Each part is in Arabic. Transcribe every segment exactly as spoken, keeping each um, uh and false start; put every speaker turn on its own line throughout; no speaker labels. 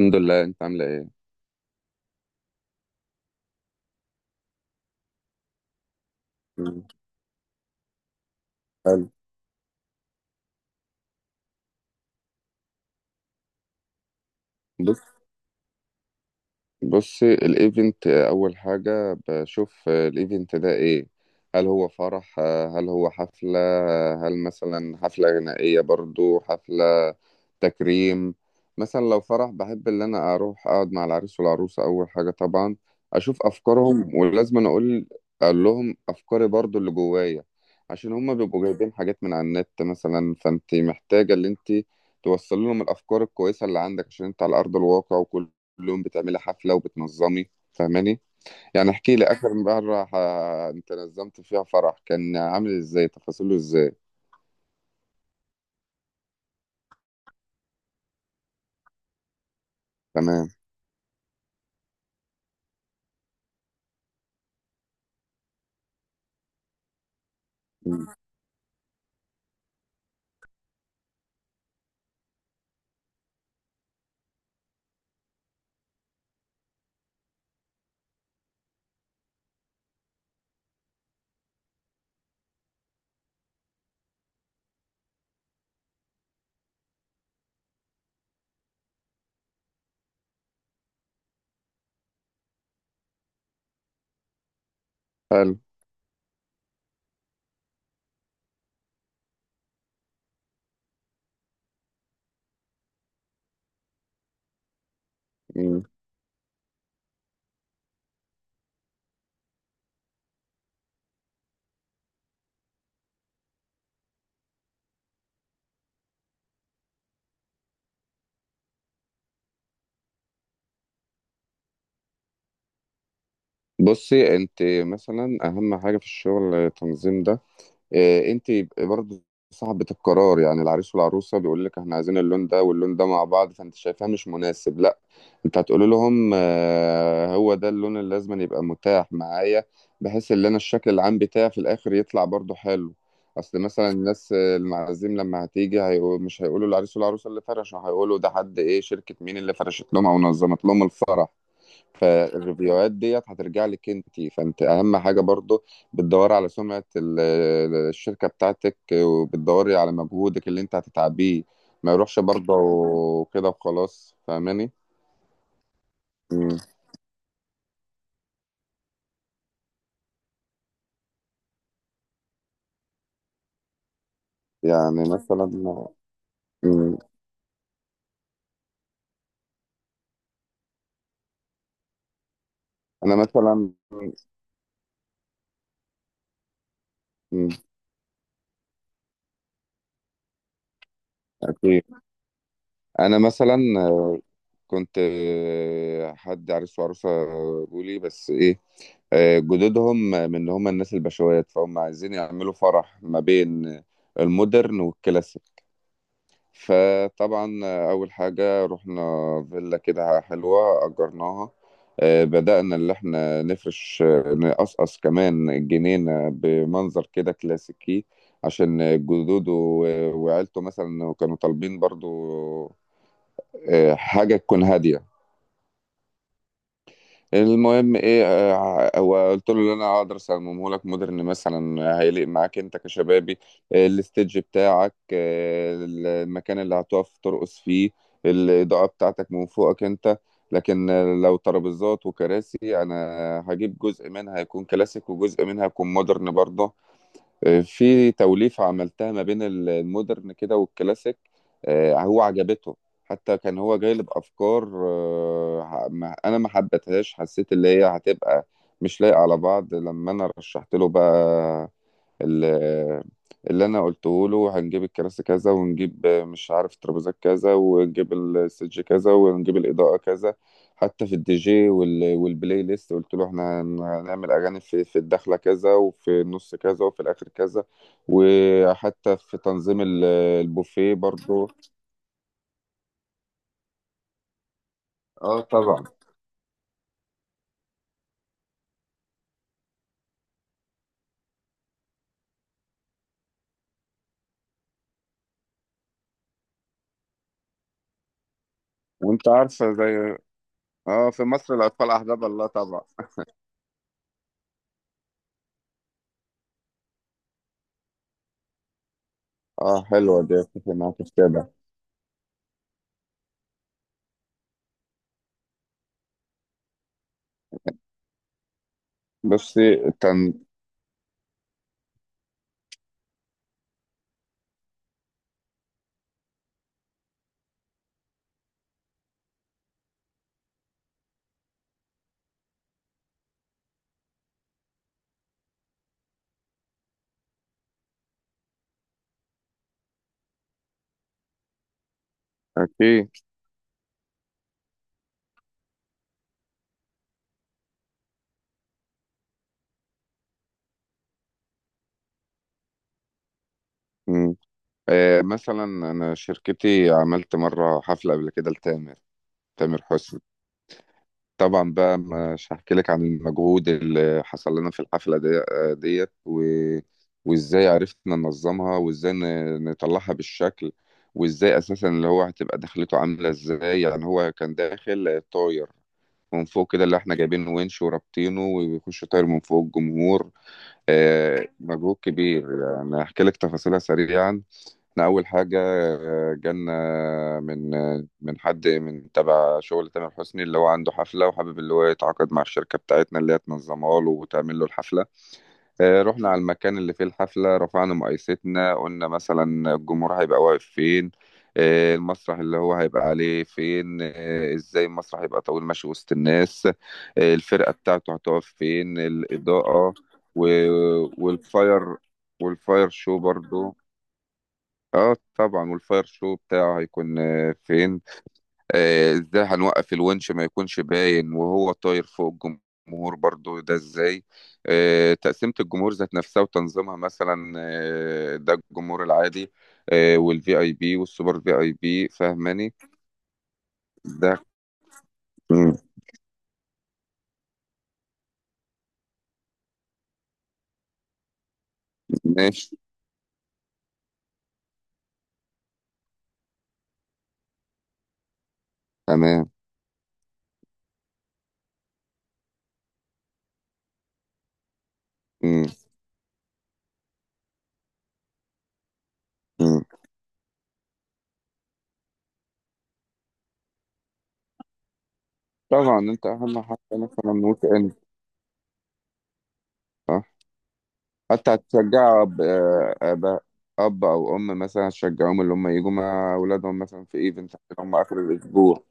الحمد لله. انت عامله ايه؟ مم. حلو. بص بص، الايفنت اول حاجة بشوف الايفنت ده ايه. هل هو فرح؟ هل هو حفلة؟ هل مثلا حفلة غنائية؟ برضو حفلة تكريم. مثلا لو فرح، بحب ان انا اروح اقعد مع العريس والعروسة اول حاجة طبعا، اشوف افكارهم، ولازم أنا اقول، اقول لهم افكاري برضو اللي جوايا، عشان هما بيبقوا جايبين حاجات من على النت مثلا، فانت محتاجة ان انت توصل لهم الافكار الكويسة اللي عندك، عشان انت على ارض الواقع، وكل يوم بتعملي حفلة وبتنظمي، فاهماني؟ يعني احكي لي آخر مرة ح... انت نظمت فيها فرح، كان عامل ازاي؟ تفاصيله ازاي؟ تمام. مم. حلو. مم. بصي انت، مثلا اهم حاجة في الشغل التنظيم ده. آه، انت برضو صاحبة القرار، يعني العريس والعروسة بيقول لك احنا عايزين اللون ده واللون ده مع بعض، فانت شايفاه مش مناسب، لا، انت هتقول لهم آه، هو ده اللون اللي لازم أن يبقى متاح معايا، بحيث ان انا الشكل العام بتاعي في الاخر يطلع برضو حلو. اصل مثلا الناس آه، المعازيم لما هتيجي هيقول، مش هيقولوا العريس والعروسة اللي فرشوا، هيقولوا ده حد ايه، شركة مين اللي فرشت لهم او نظمت لهم الفرح. فالريفيوهات ديت هترجع لك انت، فانت اهم حاجه برضو بتدوري على سمعه ال- ال- الشركه بتاعتك، وبتدوري على مجهودك اللي انت هتتعبيه. ما يروحش برضه كده وخلاص، فاهماني؟ مم. يعني مثلا، مم، انا مثلا، مم، اكيد. انا مثلا كنت آه، حد عريس وعروسة بيقولي، بس إيه، آه، جدودهم من اللي هم الناس البشوات، فهم عايزين يعملوا فرح ما بين المودرن والكلاسيك. فطبعا آه، أول حاجة رحنا فيلا كده حلوة أجرناها، آه، بدأنا اللي احنا نفرش، آه، نقصقص كمان الجنينة بمنظر كده كلاسيكي، عشان جدوده و- وعيلته مثلا كانوا طالبين برضو آه، حاجة تكون هادية. المهم ايه، آه، هو قلت له اللي انا هقدر اصممه لك مودرن، مثلا هيليق معاك انت كشبابي. آه، الستيج بتاعك، آه، المكان اللي هتقف ترقص فيه، الاضاءه بتاعتك من فوقك انت، لكن آه، لو ترابيزات وكراسي، انا هجيب جزء منها يكون كلاسيك، وجزء منها يكون مودرن برضه، في توليفة عملتها ما بين ال- المودرن كده والكلاسيك. آه، هو عجبته. حتى كان هو جايلب أفكار آه، ع- ما- أنا ما حبيتهاش، حسيت اللي هي هتبقى مش لايقة على بعض. لما أنا رشحت له بقى، ال- اللي انا قلته له هنجيب الكراسي كذا، ونجيب مش عارف ترابيزات كذا، ونجيب السج كذا، ونجيب الاضاءه كذا. حتى في الدي جي وال- والبلاي ليست، قلت له احنا هن- هنعمل اغاني في في الدخله كذا، وفي النص كذا، وفي الاخر كذا. وحتى في تنظيم ال- البوفيه برضو. اه طبعا. وانت عارفه، زي اه في مصر الاطفال احباب الله طبعا. اه حلوه دي، اتفق معاك في كده. بصي التن... اكيد. آه، مثلا انا شركتي عملت مره حفله قبل كده لتامر، تامر حسني. طبعا بقى مش هحكي لك عن المجهود اللي حصل لنا في الحفله دي آه، ديت و... وازاي عرفنا ننظمها، وازاي ن- نطلعها بالشكل، وازاي اساسا اللي هو هتبقى دخلته عامله ازاي، يعني هو كان داخل آه، طاير من فوق كده، اللي احنا جايبين ونش ورابطينه ويخش طاير من فوق الجمهور. آه، مجهود كبير يعني. هحكي لك تفاصيلها سريعا. احنا اول حاجه آه، جالنا من آه، من حد من تبع شغل تامر حسني، اللي هو عنده حفله، وحابب اللي هو يتعاقد مع الشركه بتاعتنا، اللي هي تنظمها له وتعمل له الحفله. آه، رحنا على المكان اللي فيه الحفله، رفعنا مقايستنا، قلنا مثلا الجمهور هيبقى واقف فين، آه، المسرح اللي هو هيبقى عليه فين، آه، ازاي المسرح هيبقى طويل ماشي وسط الناس، آه، الفرقه بتاعته هتقف فين، الاضاءه و- والفاير، والفاير شو برضو. اه طبعا، والفاير شو بتاعه هيكون آه، فين، آه، ازاي هنوقف الونش ما يكونش باين وهو طاير فوق الجمهور برضو، ده ازاي. آه، تقسيمة الجمهور ذات نفسها وتنظيمها، مثلا آه، ده الجمهور العادي، آه، والفي اي بي والسوبر في اي بي، فاهماني؟ ده مم، ماشي. تمام. مم. مم. طبعا، انت اهم حاجة مثلا نوت ان حتى هتشجع أب أب أب أو أم، مثلا هتشجعهم اللي هم يجوا مع أولادهم مثلا في إيفنت، اللي هم آخر الأسبوع.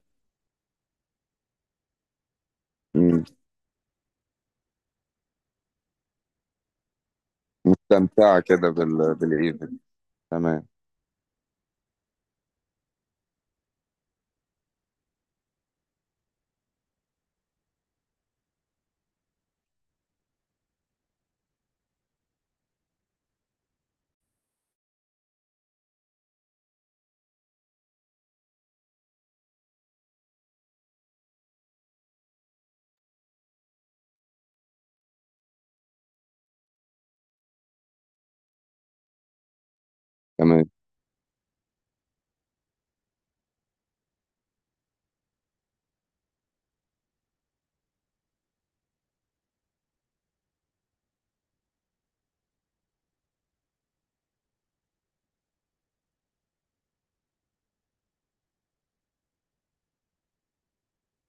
مم. استمتع كده بال... بالإيفنت. تمام. تمام.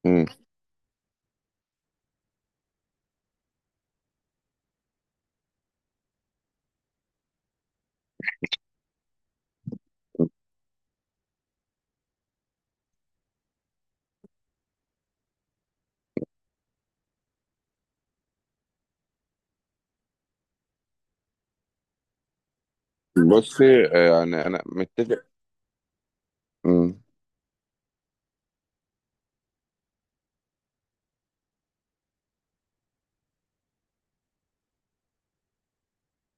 مم. بصي، آه، يعني أنا متفق. مم.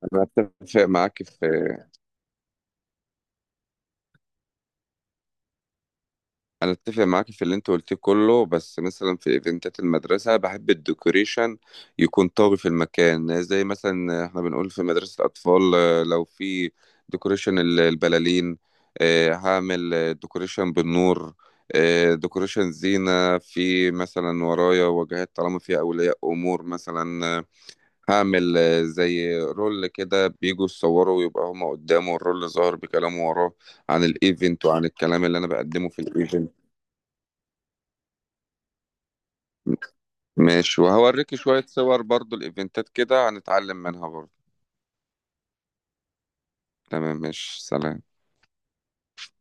أنا متفق معاك في، انا اتفق معاك في اللي انت قلتيه كله، بس مثلا في ايفنتات المدرسه بحب الديكوريشن يكون طاغي في المكان، زي مثلا احنا بنقول في مدرسه الاطفال آه، لو في ديكوريشن ال- البلالين، آه، هعمل آه، ديكوريشن بالنور، آه، ديكوريشن زينه في، مثلا ورايا واجهات طالما فيها اولياء امور، مثلا آه، هعمل آه، زي رول كده بيجوا يصوروا، ويبقى هما قدامه الرول ظاهر بكلامه وراه عن الايفنت وعن الكلام اللي انا بقدمه في الايفنت. ماشي، وهوريكي شوية صور برضو الإيفنتات كده، هنتعلم منها برضو. تمام، ماشي، سلام.